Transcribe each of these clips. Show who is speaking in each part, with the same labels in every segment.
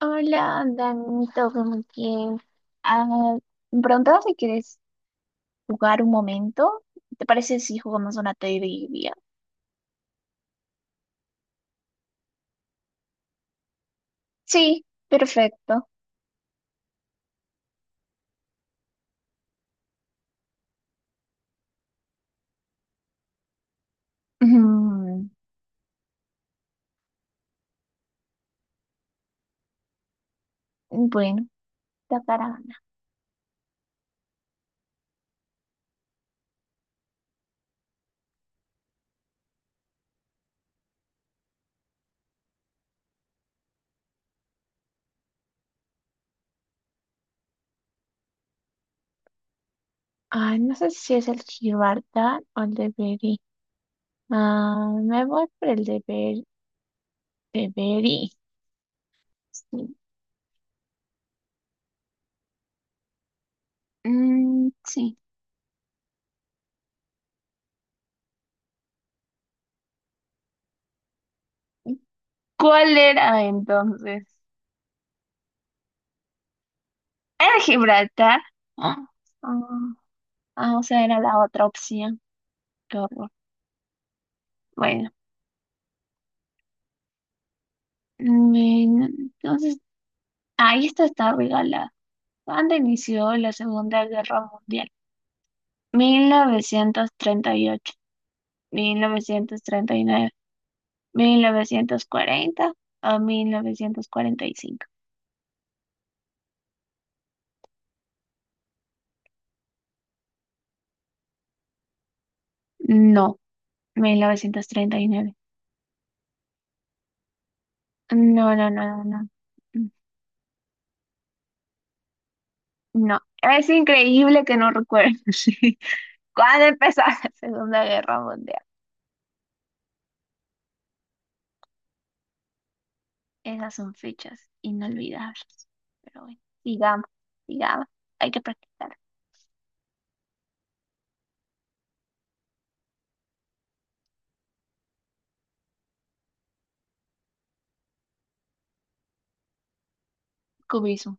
Speaker 1: Hola, Dani, todo muy bien. Ah, me preguntaba si quieres jugar un momento. ¿Te parece si jugamos una trivia? Sí, perfecto. Mm, bueno, Tacarana. Ah, no sé si es el Gibraltar o el de Beri. Ah, me voy por el de Beri. De Beri. Sí. Mm, sí. ¿Cuál era entonces? ¿Era Gibraltar? Ah, ah, ah, o sea, era la otra opción. Bueno, mm, entonces, ahí esta está regalada. ¿Cuándo inició la Segunda Guerra Mundial? Mil novecientos treinta y ocho, 1939, 1940, o 1945. No, 1939. No, no, no, no, no. No, es increíble que no recuerdes. ¿Cuándo empezó la Segunda Guerra Mundial? Esas son fechas inolvidables. Pero bueno, sigamos, sigamos. Hay que practicar. Cubismo.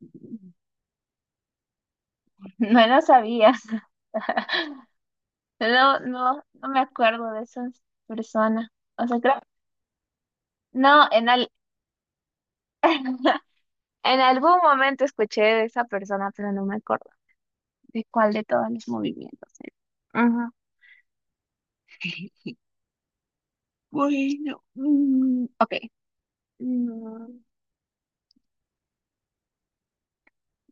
Speaker 1: No lo sabías. No, no, no me acuerdo de esas personas. O sea, creo, no, en algún momento escuché de esa persona, pero no me acuerdo de cuál de todos los movimientos era. Ajá. Bueno, mm, ok. Mm,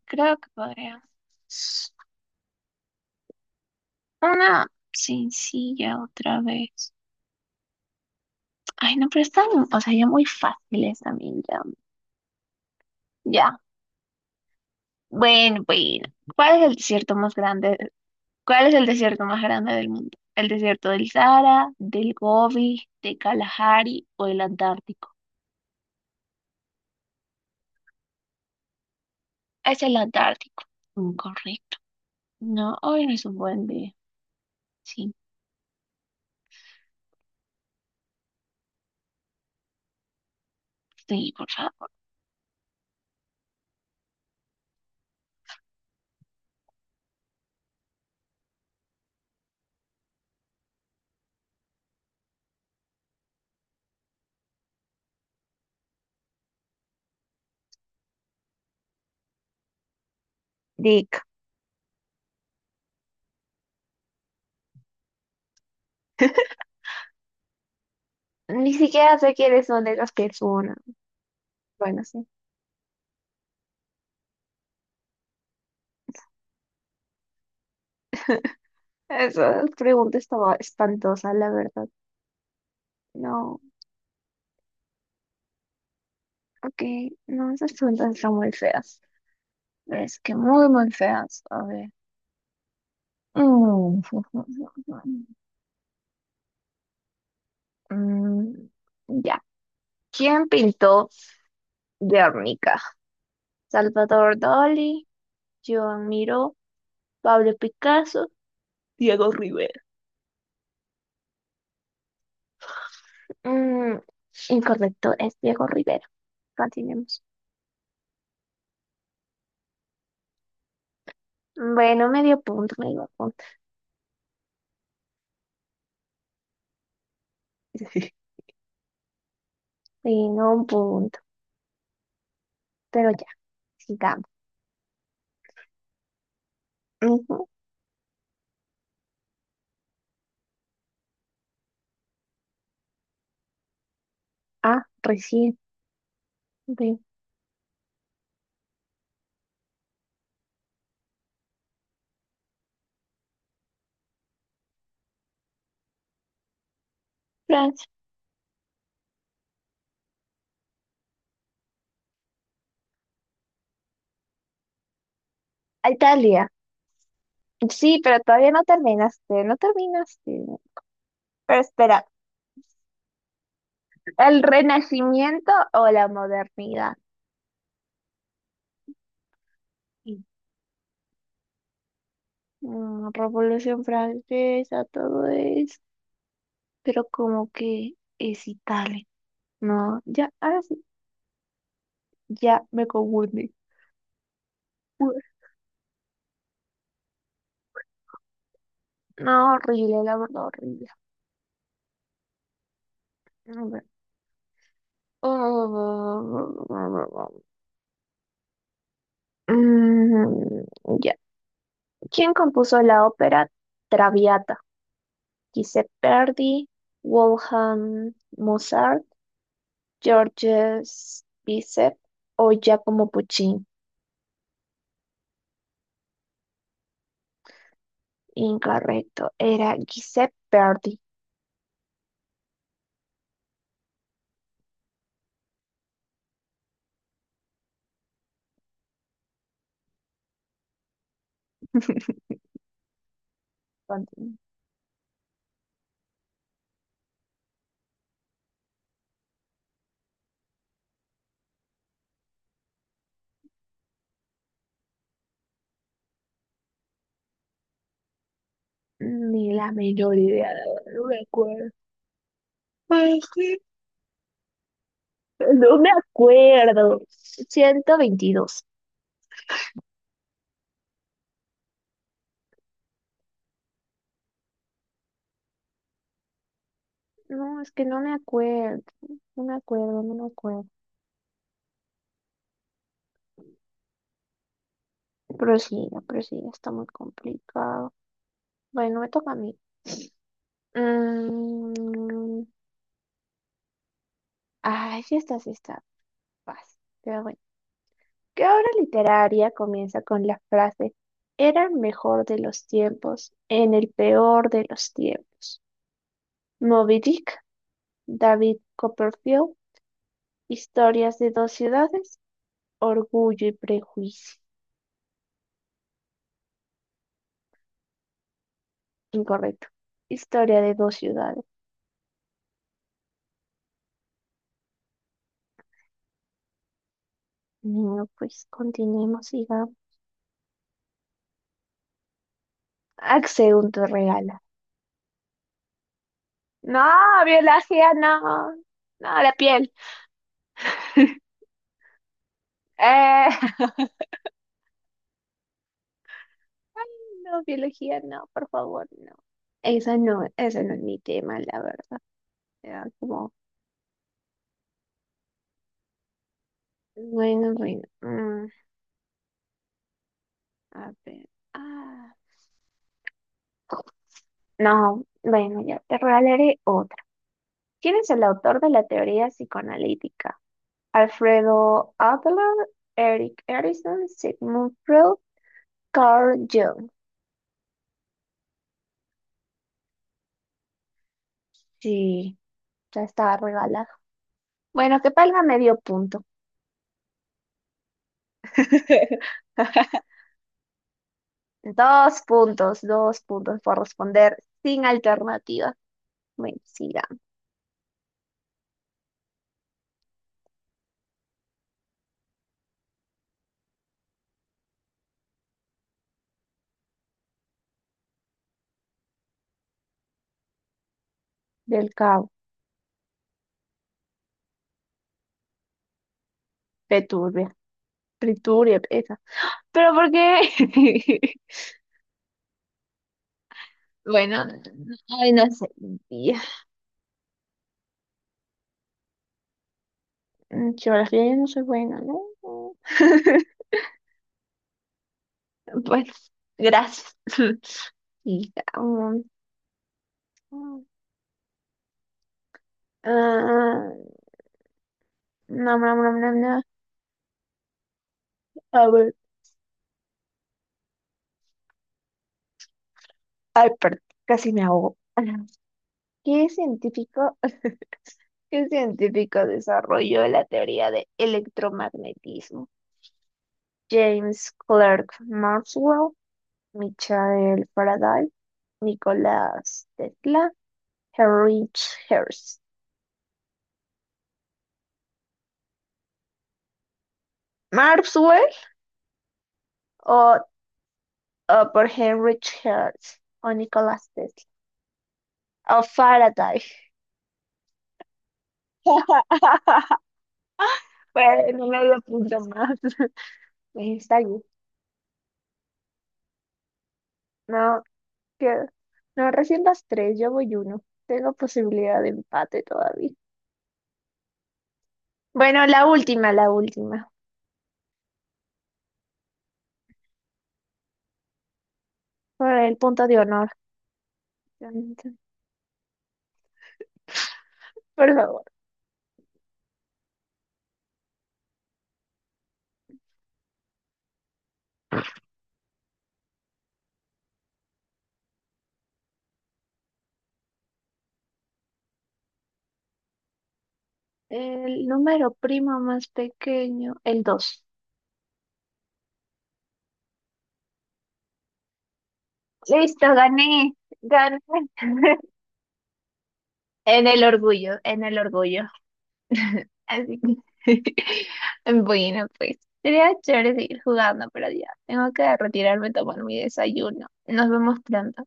Speaker 1: Creo que podría. Una sencilla otra vez. Ay, no, pero están, o sea, ya muy fáciles también, ya. Ya. Bueno, bueno. ¿Cuál es el desierto más grande? ¿Cuál es el desierto más grande del mundo? ¿El desierto del Sahara, del Gobi, de Kalahari o el Antártico? Es el Antártico. Incorrecto. No, hoy no es un buen día. Sí, sí, por favor. Dick. Ni siquiera sé quiénes son esas personas. Bueno, sí. Esa pregunta estaba espantosa, la verdad. No, ok. No, esas preguntas están muy feas. Es que muy, muy feas. A ver. Mm, mm, ya. ¿Quién pintó Guernica? Salvador Dalí, Joan Miró, Pablo Picasso, Diego Rivera. Mm, Incorrecto, es Diego Rivera. Continuemos. Bueno, medio punto, medio punto. Sí, no un punto. Pero ya, sigamos. Ujú. Ah, recién. B. Francia. Italia. Sí, pero todavía no terminaste, no terminaste. Pero espera, ¿el Renacimiento o la modernidad? Y, Revolución Francesa, todo eso, pero como que es Italia. No, ya, ahora sí, ya me confundí. Ue. No, horrible, la verdad, horrible. A ver. Mm, ya. ¿Quién compuso la ópera Traviata? Giuseppe Verdi, Wolfgang Mozart. Georges Bizet o Giacomo Puccini. Incorrecto, era Giuseppe Verdi. Continúo. Ni la menor idea, la verdad, no me acuerdo. Ay, sí. No me acuerdo. 122. No, es que no me acuerdo. No me acuerdo, no me acuerdo. Prosiga, prosiga, está muy complicado. Bueno, me toca a mí. Mm, ay, sí está fácil. Pero bueno. ¿Qué obra literaria comienza con la frase "Era el mejor de los tiempos, en el peor de los tiempos"? Moby Dick, David Copperfield, Historias de dos ciudades, Orgullo y Prejuicio. Incorrecto. Historia de dos ciudades. No, pues continuemos, sigamos. Axel, un te regala. No, biología, no. No, la piel. Eh, No, biología, no, por favor, no. Esa no, ese no es mi tema, la verdad. Era como, bueno, bueno, a ver. Ah, no, bueno, ya te regalaré otra. ¿Quién es el autor de la teoría psicoanalítica? Alfredo Adler, Eric Erikson, Sigmund Freud, Carl Jung. Sí, ya estaba regalado. Bueno, que palga medio punto. Dos puntos por responder sin alternativa. Mentira. Del Cabo. Peturbia, Priturbia, esa. Pero ¿por qué? Bueno, ay, no sé. Ya. En Geografía yo no soy buena, ¿no? Pues, gracias. Sigamos. No, no, no, no, no. A ver. Ay, perdón, casi me ahogo. ¿Qué científico, qué científico desarrolló la teoría de electromagnetismo? James Clerk Maxwell, Michael Faraday, Nicolás Tesla, Heinrich Hertz. ¿Maxwell o, o por Heinrich Hertz o Nicolás Tesla? O Faraday. Bueno, no me lo punto más. Me está bien. No, que- No, recién las tres, yo voy uno. Tengo posibilidad de empate todavía. Bueno, la última, la última. Por el punto de honor. Por favor. El número primo más pequeño, el dos. Listo, gané, gané. En el orgullo, en el orgullo. Así que, bueno, pues sería chévere seguir jugando, pero ya tengo que retirarme a tomar mi desayuno. Nos vemos pronto.